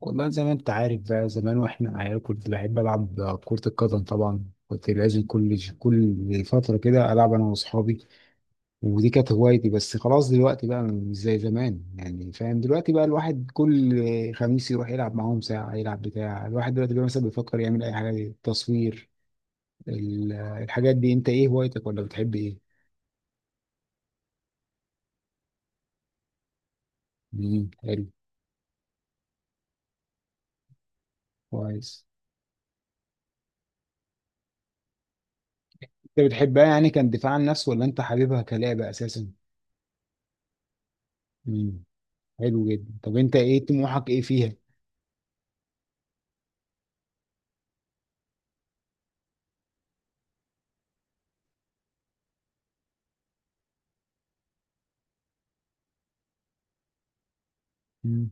والله، زي ما انت عارف بقى زمان واحنا عيال كنت بحب العب كرة القدم. طبعا كنت لازم كل فترة كده العب انا واصحابي. ودي كانت هوايتي، بس خلاص دلوقتي بقى مش زي زمان، يعني فاهم. دلوقتي بقى الواحد كل خميس يروح يلعب معاهم ساعة يلعب بتاع. الواحد دلوقتي بقى مثلا بيفكر يعمل اي حاجة، تصوير، الحاجات دي. انت ايه هوايتك ولا بتحب ايه؟ حلو. كويس. انت بتحبها يعني، كان دفاع عن النفس ولا انت حاببها كلعبة اساسا؟ امم حلو جدا. طب انت ايه طموحك، ايه فيها؟ مم.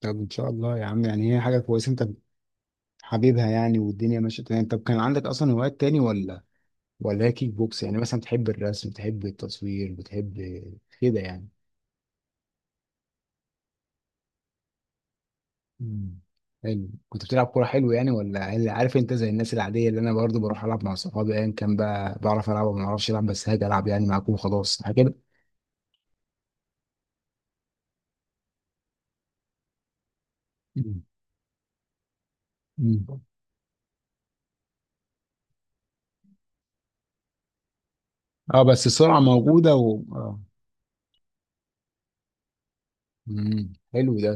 طب ان شاء الله يا عم، يعني هي حاجه كويسه انت حبيبها يعني، والدنيا ماشيه تمام. طب كان عندك اصلا هوايات تاني، ولا هي كيك بوكس يعني؟ مثلا بتحب الرسم، بتحب التصوير، بتحب كده يعني. مم. حلو، كنت بتلعب كوره، حلو يعني. ولا اللي عارف، انت زي الناس العاديه اللي انا برضو بروح العب مع صحابي ايا كان بقى، بعرف العب وما اعرفش العب، بس هاجي العب يعني معاكم وخلاص، حاجه كده. مم. مم. اه، بس السرعه موجوده و اه حلو ده.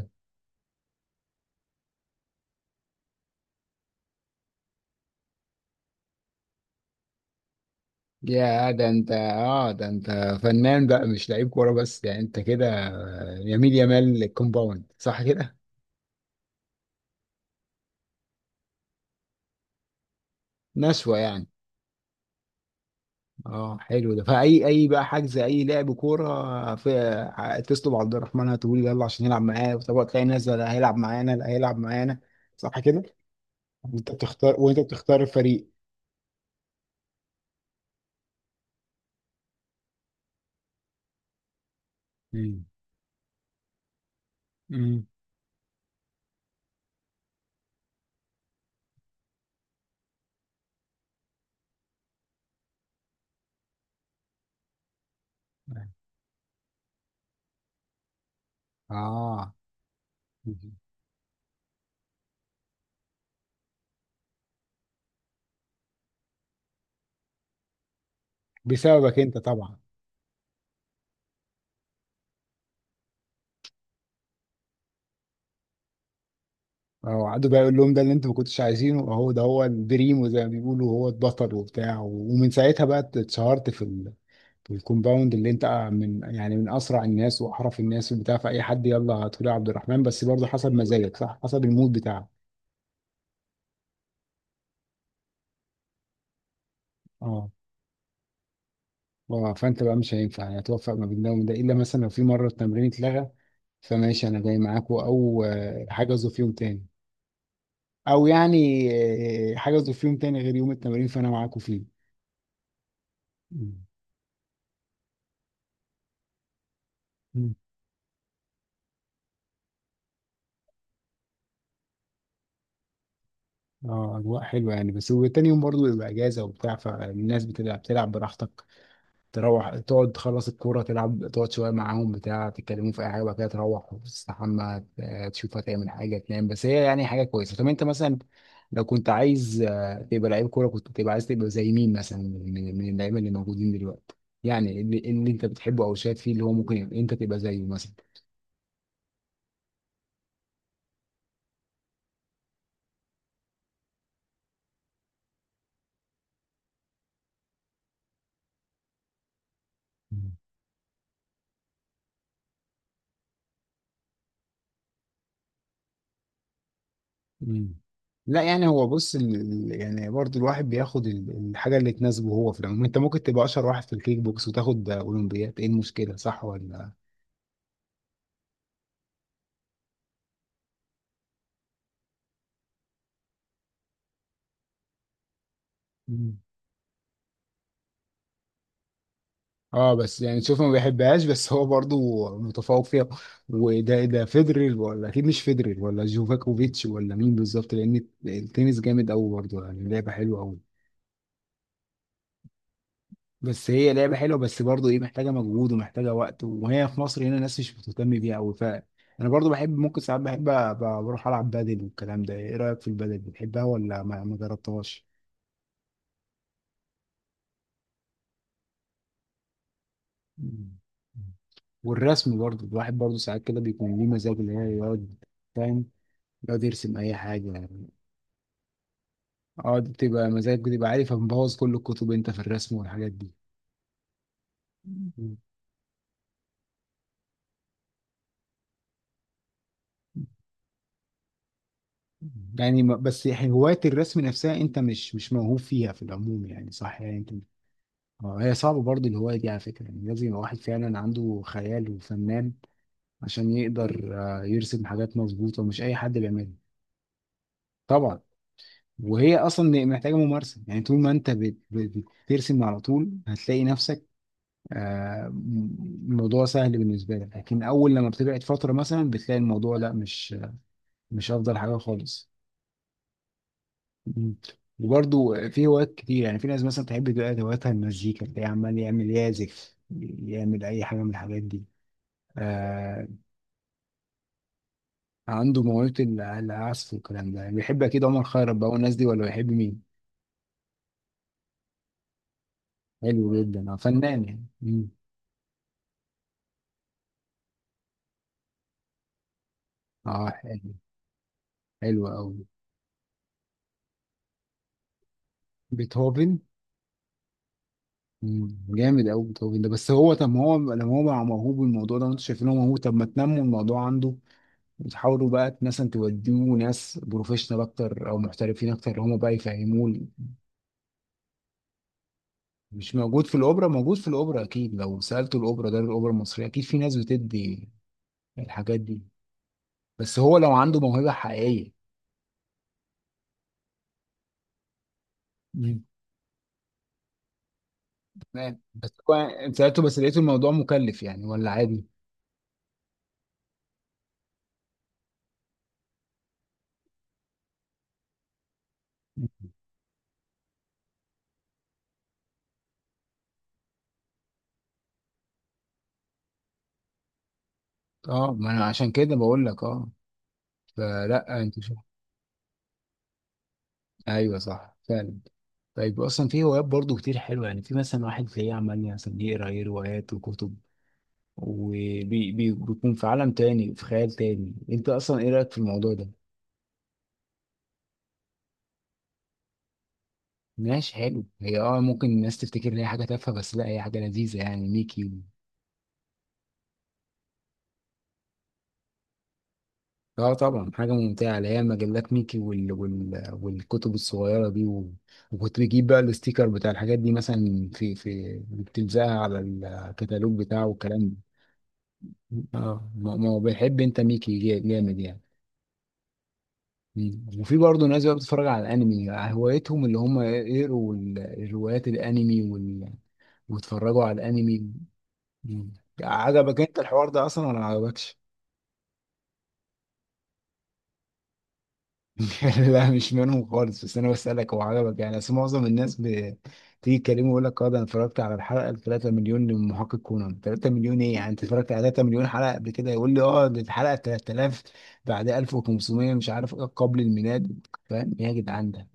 يا ده انت، ده انت فنان بقى، مش لعيب كوره بس، يعني انت كده يميل يمال الكومباوند، صح كده؟ نشوة يعني. اه، حلو ده. فاي اي بقى حجز اي لعب كوره، في تطلب عبد الرحمن هتقول يلا عشان يلعب معايا. طب تلاقي ناس، ده لا هيلعب معانا، لا هيلعب معانا، صح كده؟ انت بتختار، وانت بتختار الفريق. امم امم اه، بسببك انت طبعا. اه، قعدوا بقى يقول لهم ده اللي انتوا ما كنتوش عايزينه، اهو ده هو البريمو زي ما بيقولوا، هو البطل وبتاع. ومن ساعتها بقى اتشهرت في في الكومباوند اللي انت، من يعني من اسرع الناس واحرف الناس وبتاع. فاي حد يلا هتقول يا عبد الرحمن، بس برضه حسب مزاجك، صح، حسب المود بتاعك. اه اه، فانت بقى مش هينفع يعني توفق ما بين ده وده، الا مثلا لو في مره التمرين اتلغى فماشي انا جاي معاكم، او حجزوا في يوم تاني. او يعني حجزوا في يوم تاني غير يوم التمرين فانا معاكم فيه. مم. اه، اجواء حلوه يعني، بس وتاني يوم برضو بيبقى اجازه وبتاع، فالناس بتبقى بتلعب، تلعب براحتك، تروح تقعد تخلص الكوره، تلعب تقعد شويه معاهم بتاع، تتكلموا في اي حاجه وبعد كده تروح تستحمى، تشوف هتعمل حاجه، تنام. بس هي يعني حاجه كويسه. طب انت مثلا لو كنت عايز تبقى لعيب كوره، كنت تبقى عايز تبقى زي مين مثلا، من من اللعيبه اللي موجودين دلوقتي، يعني اللي انت بتحبه او شايف فيه اللي هو ممكن انت تبقى زيه مثلا؟ مم. لا يعني، هو بص يعني برضو الواحد بياخد الحاجة اللي تناسبه. هو في العموم انت ممكن تبقى اشهر واحد في الكيك بوكس وتاخد اولمبياد، ايه المشكلة؟ صح ولا؟ مم. اه، بس يعني شوف، ما بيحبهاش بس هو برضو متفوق فيها. وده ده فيدرر ولا اكيد مش فيدرر ولا جوفاكوفيتش، ولا مين بالظبط؟ لان التنس جامد قوي برضو، يعني لعبة حلوة قوي. بس هي لعبة حلوة بس برضه ايه، محتاجة مجهود ومحتاجة وقت، وهي في مصر هنا الناس مش بتهتم بيها أوي. ف أنا برضه بحب، ممكن ساعات بحب بروح ألعب بادل والكلام ده. ايه رأيك في البادل، بتحبها ولا ما جربتهاش؟ مم. والرسم برضه الواحد برضه ساعات كده بيكون ليه مزاج اللي هو يقعد، فاهم، يقعد يرسم أي حاجة يعني. اه، دي بتبقى مزاج، بتبقى عارف مبوظ كل الكتب أنت في الرسم والحاجات دي. مم. يعني بس يعني هواية الرسم نفسها أنت مش موهوب فيها في العموم يعني، صح يعني أنت. هي صعبة برضه الهواية دي على فكرة، يعني لازم يبقى واحد فعلا عنده خيال وفنان عشان يقدر يرسم حاجات مظبوطة، مش أي حد بيعملها. طبعا. وهي أصلا محتاجة ممارسة، يعني طول ما أنت بترسم على طول هتلاقي نفسك، آه، الموضوع سهل بالنسبة لك، لكن أول لما بتبعد فترة مثلا بتلاقي الموضوع لا، مش، مش أفضل حاجة خالص. مم. وبرضه في هوايات كتير يعني، في ناس مثلا تحب تبقى هواياتها المزيكا، تلاقيه عمال يعمل يعزف يعمل أي حاجة من الحاجات دي. آه عنده موهبة العزف والكلام ده يعني، بيحب أكيد عمر خيرت بقى والناس دي، ولا بيحب مين؟ حلو جدا، فنان يعني. مم. اه، حلو. حلو أوي بيتهوفن. جامد أوي بيتهوفن ده. بس هو طب ما هو لما هو بقى موهوب بالموضوع ده وأنتوا شايفين هو موهوب، طب ما تنموا الموضوع عنده، وتحاولوا بقى مثلا توديه ناس بروفيشنال أكتر أو محترفين أكتر هم بقى يفهموه. مش موجود في الأوبرا، موجود في الأوبرا أكيد، لو سألتوا الأوبرا، ده الأوبرا المصرية أكيد في ناس بتدي الحاجات دي. بس هو لو عنده موهبة حقيقية. مم. تمام بس سألته بس لقيته الموضوع مكلف يعني ولا عادي؟ مم. اه، ما انا عشان كده بقول لك. اه، فلا انت شوف. ايوه، صح فعلا. طيب اصلا في هوايات برضو كتير حلوه، يعني في مثلا واحد زي عمال مثلا يقرا، ايه، روايات وكتب وبيكون في عالم تاني، في خيال تاني. انت اصلا ايه رايك في الموضوع ده؟ ماشي، حلو. هي اه، ممكن الناس تفتكر ان هي حاجه تافهه بس لا، هي حاجه لذيذه يعني ميكي. اه طبعا، حاجة ممتعة، اللي هي مجلات ميكي والكتب الصغيرة دي، و... وكنت بجيب بقى الاستيكر بتاع الحاجات دي، مثلا في بتلزقها على الكتالوج بتاعه والكلام ده. اه، ما هو بيحب انت، ميكي جامد يعني. مم. وفي برضه ناس بقى بتتفرج على الانمي، هوايتهم اللي هم يقروا الروايات، الانمي ويتفرجوا على الانمي. مم. عجبك انت الحوار ده اصلا ولا ما عجبكش؟ لا مش منهم خالص، بس انا بسألك هو عجبك يعني؟ اصل معظم الناس بتيجي تكلمه يقول لك اه، ده انا اتفرجت على الحلقه ال 3 مليون لمحقق كونان. 3 مليون ايه يعني؟ انت اتفرجت على 3 مليون حلقه قبل كده؟ يقول لي اه دي الحلقه 3000 بعد 1500 مش عارف ايه قبل الميلاد. فاهم إيه يا جدعان ده؟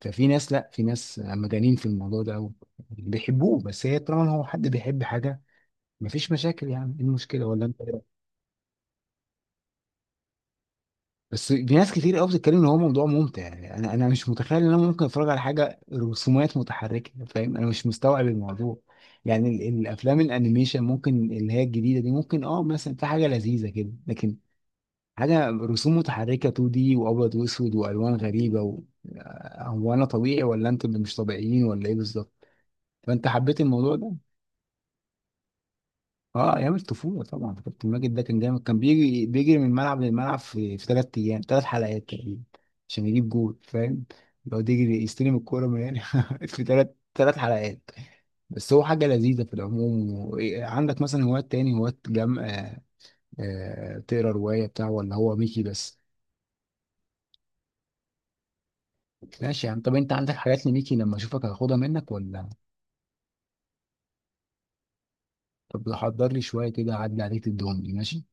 ففي ناس، لا في ناس مجانين في الموضوع ده أوي. بيحبوه. بس هي طالما هو حد بيحب حاجه، مفيش مشاكل يعني، ايه المشكله، ولا انت؟ بس في ناس كتير قوي بتتكلم ان هو موضوع ممتع، يعني انا مش متخيل ان انا ممكن اتفرج على حاجه رسومات متحركه. فاهم، انا مش مستوعب الموضوع. يعني الافلام الانيميشن ممكن اللي هي الجديده دي، ممكن اه مثلا في حاجه لذيذه كده، لكن حاجه رسوم متحركه 2 دي، وابيض واسود والوان غريبه و... هو انا طبيعي ولا انتوا اللي مش طبيعيين، ولا ايه بالظبط؟ فانت حبيت الموضوع ده. اه، ايام الطفوله طبعا كابتن ماجد ده كان جامد، كان بيجري بيجري من ملعب للملعب في ثلاث ايام ثلاث حلقات تقريبا عشان يجيب جول، فاهم، يقعد يجري يستلم الكوره من هنا. في ثلاث حلقات. بس هو حاجه لذيذه في العموم. و- إيه، عندك مثلا هوايات تاني، هوايات جم آه آه، تقرا روايه بتاع ولا هو ميكي بس؟ ماشي يعني. طب انت عندك حاجات لميكي لما اشوفك هاخدها منك ولا؟ طب حضر لي شويه كده، اعدي عليك تدهم لي ماشي.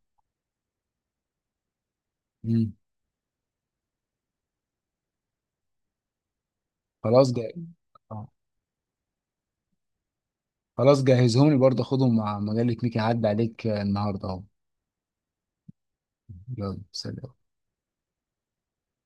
مم. خلاص جاي. خلاص جهزهم لي، برضه خدهم مع مجلة ميكي عدى عليك النهارده اهو. يلا سلام.